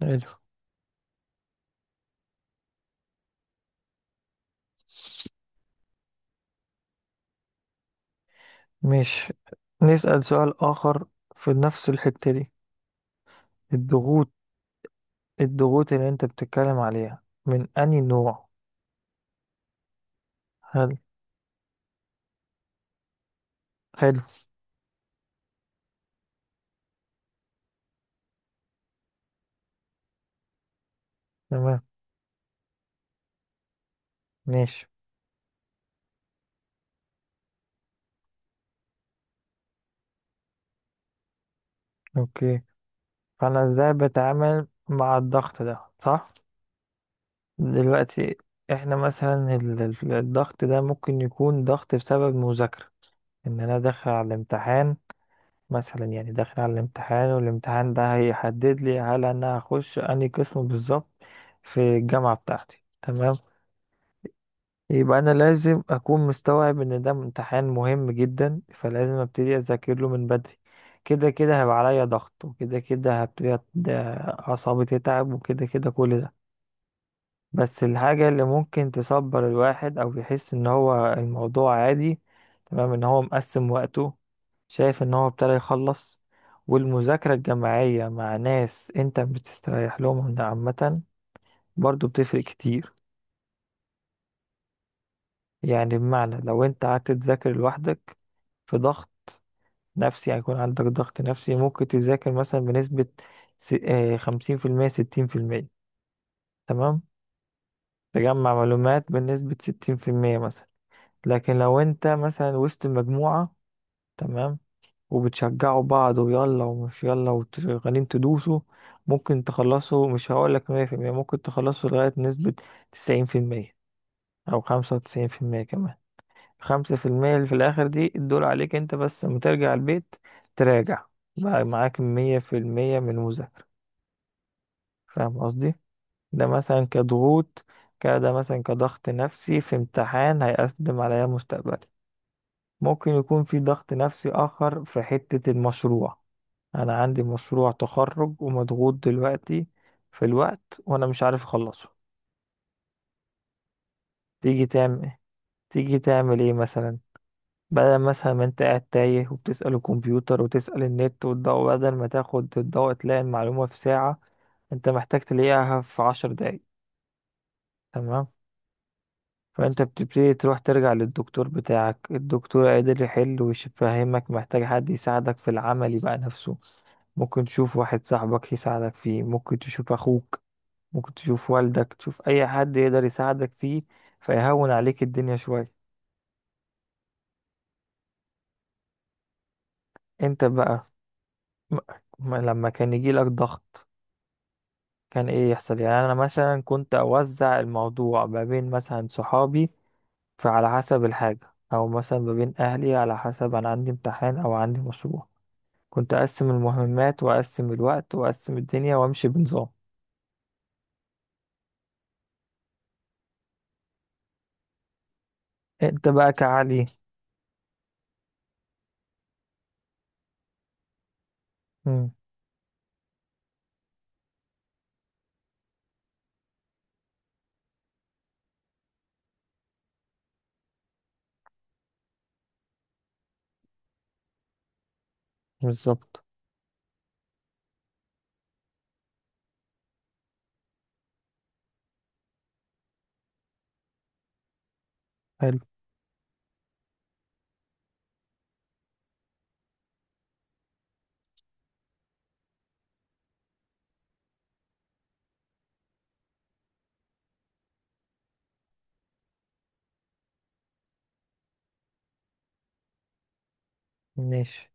حلو. مش نسأل سؤال آخر في نفس الحتة دي. الضغوط الضغوط اللي أنت بتتكلم عليها من أي نوع؟ هل حلو، تمام، ماشي، أوكي. فأنا إزاي بتعامل مع الضغط ده، صح؟ دلوقتي إحنا مثلا الضغط ده ممكن يكون ضغط بسبب مذاكرة، إن أنا داخل على الامتحان. مثلا يعني داخل على الامتحان، والامتحان ده هيحدد لي هل انا هخش انهي قسم بالظبط في الجامعة بتاعتي، تمام. يبقى انا لازم اكون مستوعب ان ده امتحان مهم جدا، فلازم ابتدي اذاكر له من بدري. كده كده هيبقى عليا ضغط، وكده كده هبتدي اعصابي تتعب، وكده كده كل ده. بس الحاجة اللي ممكن تصبر الواحد أو يحس إن هو الموضوع عادي، تمام، إن هو مقسم وقته، شايف إن هو ابتدى يخلص. والمذاكرة الجماعية مع ناس أنت بتستريح لهم عامة، برضو بتفرق كتير. يعني بمعنى لو أنت قعدت تذاكر لوحدك، في ضغط نفسي، هيكون عندك ضغط نفسي، ممكن تذاكر مثلا بنسبة 50%، 60%. تمام، تجمع معلومات بنسبة 60% مثلا. لكن لو انت مثلا وسط المجموعة، تمام، وبتشجعوا بعض، ويلا ومش يلا، وشغالين تدوسوا، ممكن تخلصوا، مش هقولك 100%، ممكن تخلصوا لغاية نسبة 90%، أو 95% كمان. 5% اللي في الآخر دي الدول عليك انت بس، لما ترجع البيت تراجع، بقى معاك 100% من المذاكرة. فاهم قصدي؟ ده مثلا كضغوط. كده مثلا كضغط نفسي في امتحان هيقدم عليا مستقبل. ممكن يكون في ضغط نفسي آخر في حتة المشروع. أنا عندي مشروع تخرج ومضغوط دلوقتي في الوقت، وأنا مش عارف أخلصه. تيجي تعمل تيجي تعمل إيه مثلا؟ بدل مثلا ما أنت قاعد تايه وبتسأل الكمبيوتر وتسأل النت والضوء، بدل ما تاخد الضوء تلاقي المعلومة في ساعة، أنت محتاج تلاقيها في 10 دقايق. تمام. فانت بتبتدي تروح ترجع للدكتور بتاعك، الدكتور قادر يحل ويفهمك. محتاج حد يساعدك في العمل يبقى نفسه، ممكن تشوف واحد صاحبك يساعدك فيه، ممكن تشوف اخوك، ممكن تشوف والدك، تشوف اي حد يقدر يساعدك فيه، فيهون عليك الدنيا شوية. انت بقى م- لما كان يجيلك ضغط كان ايه يحصل؟ يعني انا مثلا كنت اوزع الموضوع ما بين مثلا صحابي، فعلى حسب الحاجة، او مثلا ما بين اهلي، على حسب انا عندي امتحان او عندي مشروع. كنت اقسم المهمات واقسم الوقت واقسم الدنيا وامشي بنظام. انت بقى كعلي. امم، بالظبط. حلو، ماشي،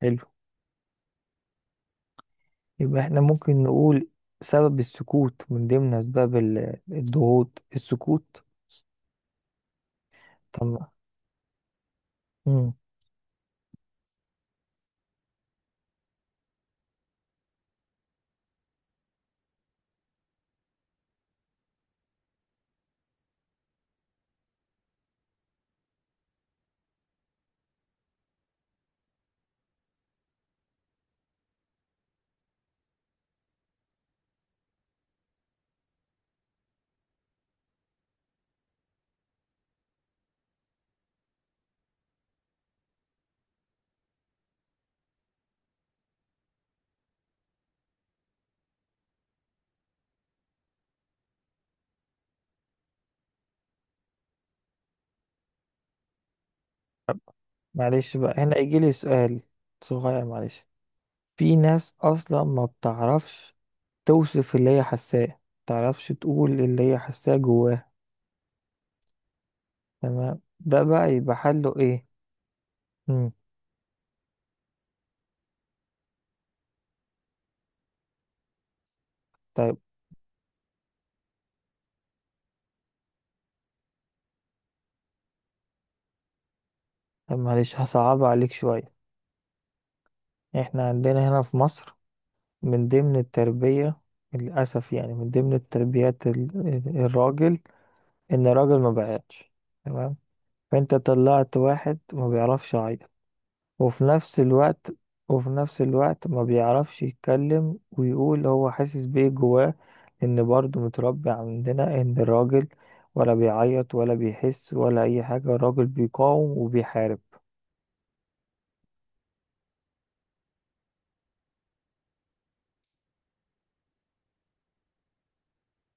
حلو. يبقى احنا ممكن نقول سبب السكوت من ضمن اسباب الضغوط السكوت. طب. امم معلش بقى هنا يجي لي سؤال صغير، معلش. في ناس اصلا ما بتعرفش توصف اللي هي حاساه، ما بتعرفش تقول اللي هي حاساه جواها. تمام، ده بقى يبقى حله ايه؟ امم. طب معلش هصعب عليك شوية. احنا عندنا هنا في مصر، من ضمن التربية، للأسف يعني، من ضمن التربيات الراجل، إن الراجل ما بيعيطش. تمام. فأنت طلعت واحد ما بيعرفش يعيط، وفي نفس الوقت، ما بيعرفش يتكلم ويقول هو حاسس بإيه جواه. إن برضه متربي عندنا إن الراجل ولا بيعيط ولا بيحس ولا أي حاجة، الراجل بيقاوم وبيحارب.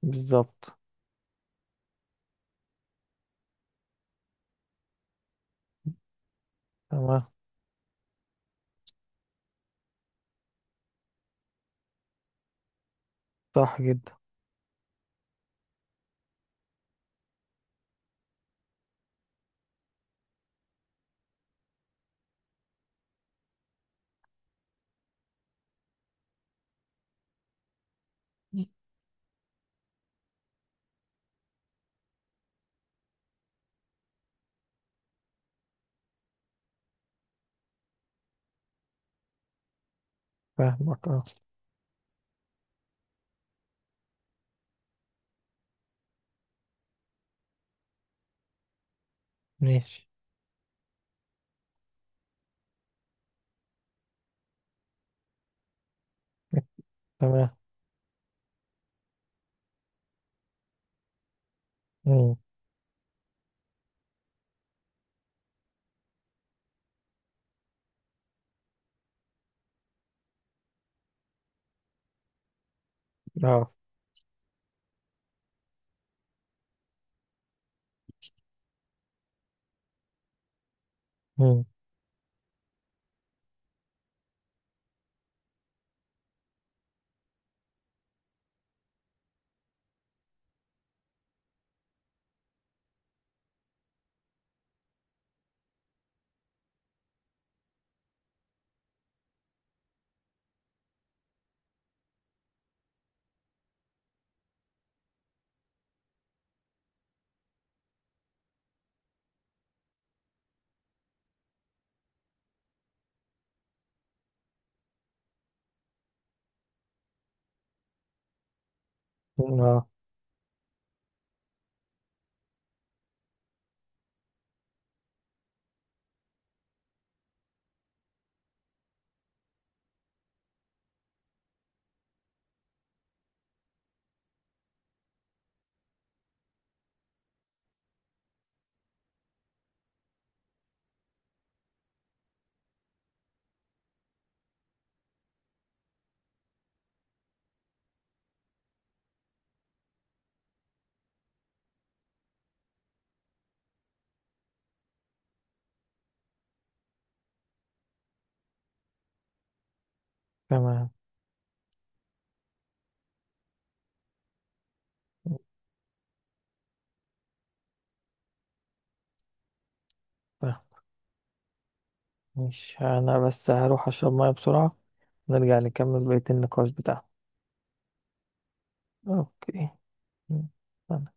بالظبط. تمام. صح جدا. فاهمك. اه، ماشي، تمام. مم. اه. مم. اه، تمام. فاهم. مش انا بس هروح اشرب ميه بسرعة، نرجع نكمل بقية النقاش بتاعنا. اوكي. مم. تمام.